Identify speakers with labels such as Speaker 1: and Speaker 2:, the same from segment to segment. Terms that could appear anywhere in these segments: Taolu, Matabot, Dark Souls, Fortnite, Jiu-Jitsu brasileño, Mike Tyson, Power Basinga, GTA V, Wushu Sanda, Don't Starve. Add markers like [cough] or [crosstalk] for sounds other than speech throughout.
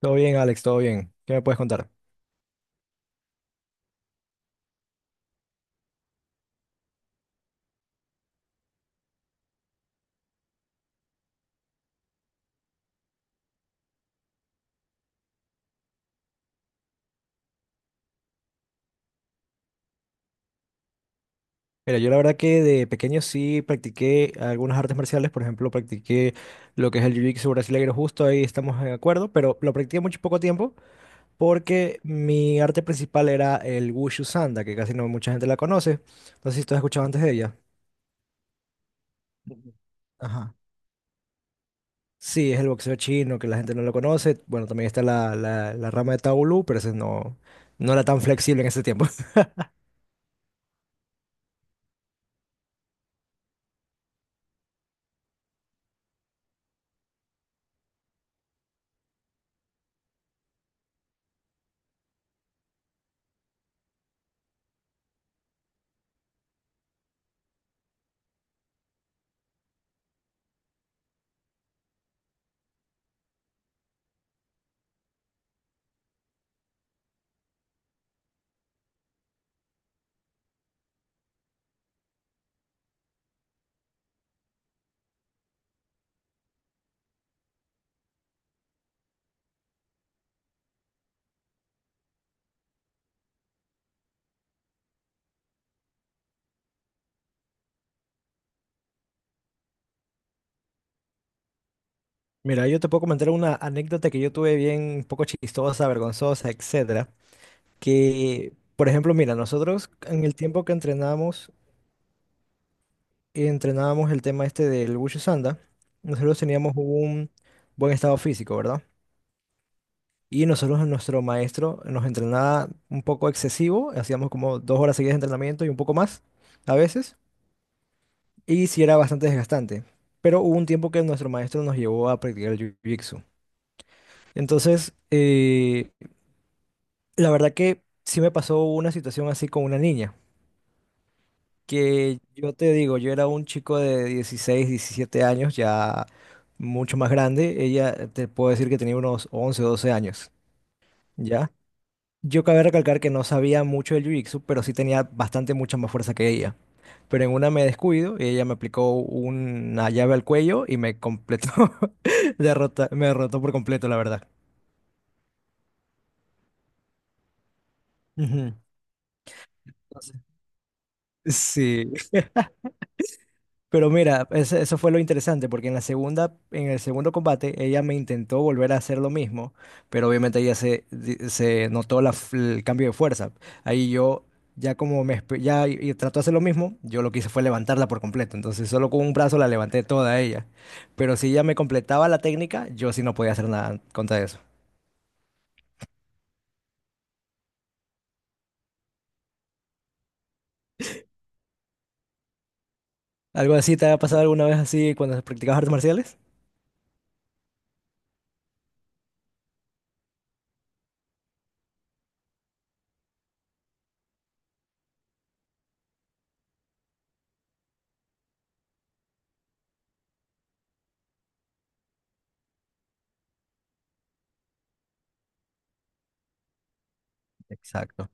Speaker 1: Todo bien, Alex, todo bien. ¿Qué me puedes contar? Mira, yo la verdad que de pequeño sí practiqué algunas artes marciales, por ejemplo, practiqué lo que es el Jiu-Jitsu brasileño, justo ahí estamos de acuerdo, pero lo practiqué mucho poco tiempo porque mi arte principal era el Wushu Sanda, que casi no mucha gente la conoce. No sé si tú has escuchado antes de ella. Ujú. Ajá. Sí, es el boxeo chino, que la gente no lo conoce. Bueno, también está la rama de Taolu, pero ese no, no era tan flexible en ese tiempo. Mira, yo te puedo comentar una anécdota que yo tuve bien un poco chistosa, vergonzosa, etcétera. Que, por ejemplo, mira, nosotros en el tiempo que entrenamos, entrenábamos el tema este del Wushu Sanda, nosotros teníamos un buen estado físico, ¿verdad? Y nosotros, nuestro maestro nos entrenaba un poco excesivo, hacíamos como 2 horas seguidas de entrenamiento y un poco más a veces, y sí era bastante desgastante. Pero hubo un tiempo que nuestro maestro nos llevó a practicar el Jiu-Jitsu. Entonces, la verdad que sí me pasó una situación así con una niña, que yo te digo, yo era un chico de 16 17 años, ya mucho más grande, ella te puedo decir que tenía unos 11 o 12 años, ¿ya? Yo cabe recalcar que no sabía mucho del jiu-jitsu, pero sí tenía bastante mucha más fuerza que ella. Pero en una me descuido y ella me aplicó una llave al cuello y me completó, [laughs] derrota, me derrotó por completo, la verdad. Ujú. Entonces, sí, pero mira, eso fue lo interesante, porque en la segunda, en el segundo combate, ella me intentó volver a hacer lo mismo, pero obviamente ella se notó el cambio de fuerza. Ahí yo, ya como me, ya y trató de hacer lo mismo, yo lo que hice fue levantarla por completo. Entonces solo con un brazo la levanté toda a ella. Pero si ella me completaba la técnica, yo sí no podía hacer nada contra eso. ¿Algo así te ha pasado alguna vez así cuando practicabas artes marciales? Exacto.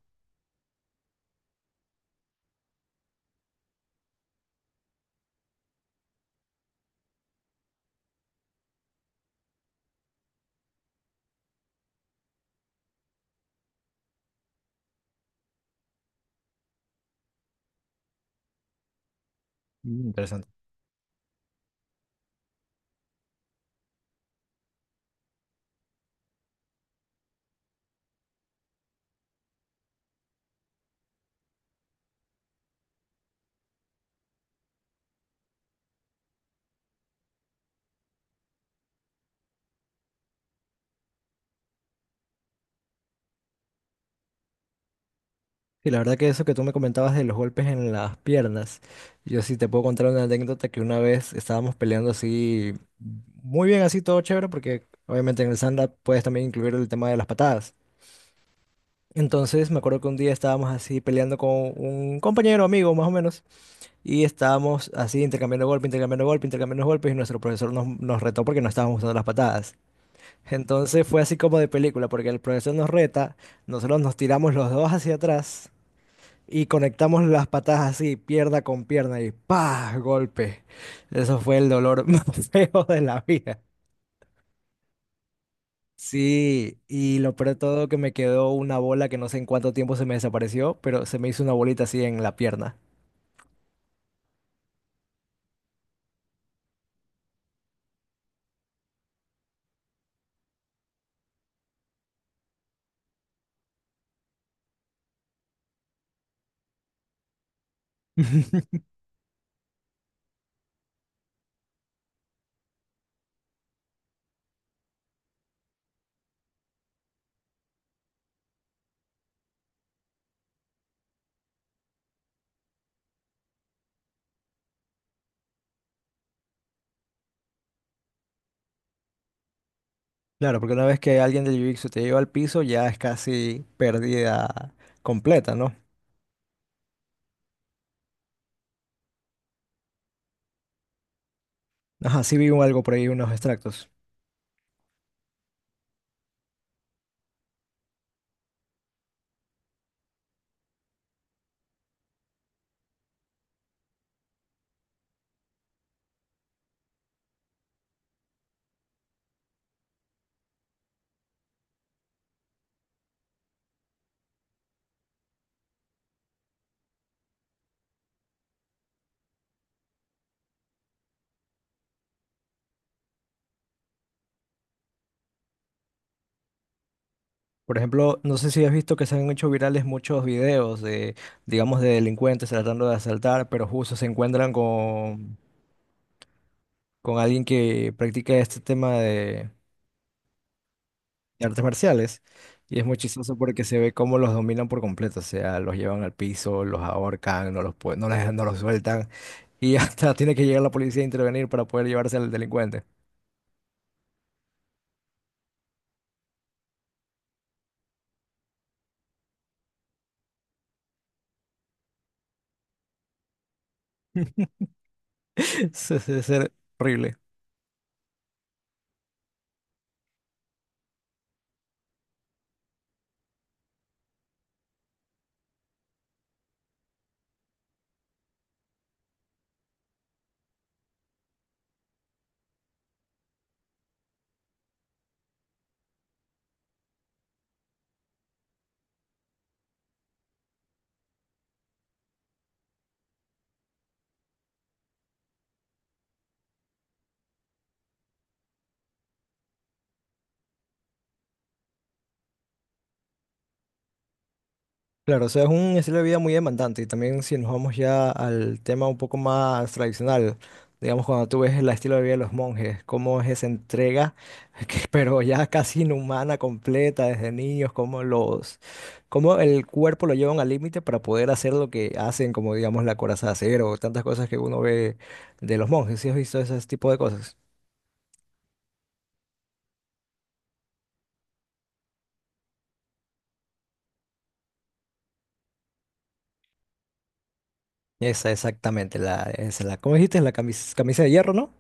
Speaker 1: Mm, interesante. Y la verdad que eso que tú me comentabas de los golpes en las piernas, yo sí te puedo contar una anécdota que una vez estábamos peleando así, muy bien así, todo chévere, porque obviamente en el stand-up puedes también incluir el tema de las patadas. Entonces me acuerdo que un día estábamos así peleando con un compañero, amigo más o menos, y estábamos así intercambiando golpes, intercambiando golpes, intercambiando golpes, y nuestro profesor nos retó porque no estábamos usando las patadas. Entonces fue así como de película, porque el profesor nos reta, nosotros nos tiramos los dos hacia atrás y conectamos las patas así, pierna con pierna y ¡pah! Golpe. Eso fue el dolor [laughs] más feo de la vida. Sí, y lo peor de todo que me quedó una bola que no sé en cuánto tiempo se me desapareció, pero se me hizo una bolita así en la pierna. [laughs] Claro, porque una vez que alguien del jiu-jitsu te lleva al piso, ya es casi pérdida completa, ¿no? Ajá, sí vi algo por ahí, unos extractos. Por ejemplo, no sé si has visto que se han hecho virales muchos videos de, digamos, de delincuentes tratando de asaltar, pero justo se encuentran con alguien que practica este tema de artes marciales. Y es muy chistoso porque se ve cómo los dominan por completo. O sea, los llevan al piso, los ahorcan, no los, no no los sueltan. Y [laughs] hasta tiene que llegar la policía a intervenir para poder llevarse al delincuente. [laughs] Es, es horrible. Claro, o sea, es un estilo de vida muy demandante y también si nos vamos ya al tema un poco más tradicional, digamos cuando tú ves el estilo de vida de los monjes, cómo es esa entrega, [laughs] pero ya casi inhumana, completa desde niños, cómo el cuerpo lo llevan al límite para poder hacer lo que hacen, como digamos la coraza de acero, tantas cosas que uno ve de los monjes, ¿sí has visto ese tipo de cosas? Esa exactamente, ¿cómo dijiste? La camisa de hierro, ¿no?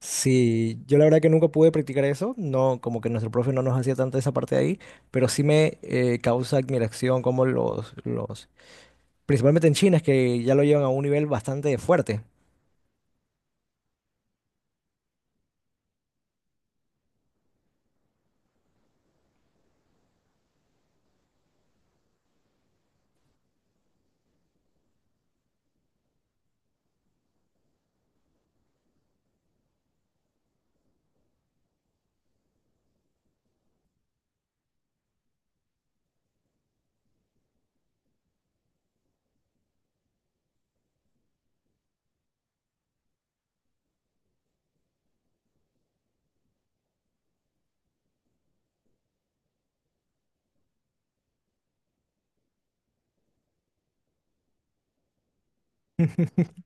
Speaker 1: Sí, yo la verdad que nunca pude practicar eso, no, como que nuestro profe no nos hacía tanta esa parte de ahí, pero sí me causa admiración como principalmente en China, es que ya lo llevan a un nivel bastante fuerte. [laughs]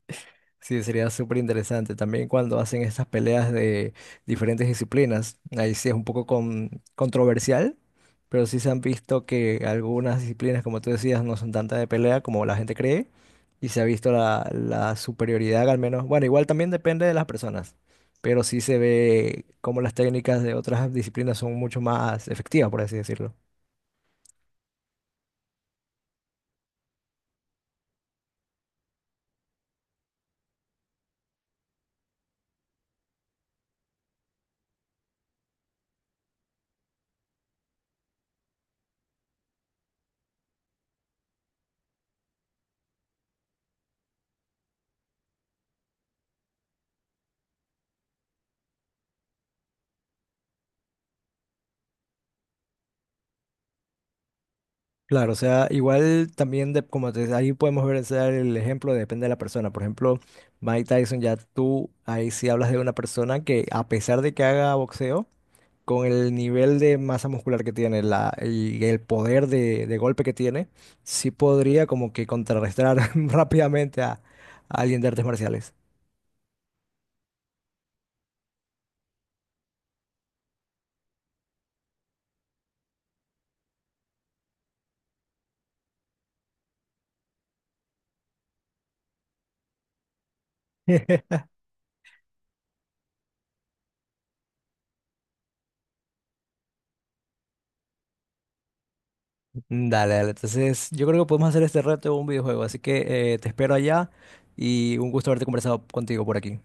Speaker 1: Sí, sería súper interesante también cuando hacen estas peleas de diferentes disciplinas. Ahí sí es un poco controversial, pero sí se han visto que algunas disciplinas, como tú decías, no son tanta de pelea como la gente cree. Y se ha visto la superioridad, al menos. Bueno, igual también depende de las personas, pero sí se ve cómo las técnicas de otras disciplinas son mucho más efectivas, por así decirlo. Claro, o sea, igual también, de, como te, ahí podemos ver o sea, el ejemplo, depende de la persona. Por ejemplo, Mike Tyson, ya tú ahí sí hablas de una persona que a pesar de que haga boxeo, con el nivel de masa muscular que tiene la, y el poder de golpe que tiene, sí podría como que contrarrestar [laughs] rápidamente a alguien de artes marciales. [laughs] Dale, dale. Entonces, yo creo que podemos hacer este reto un videojuego. Así que te espero allá y un gusto haberte conversado contigo por aquí.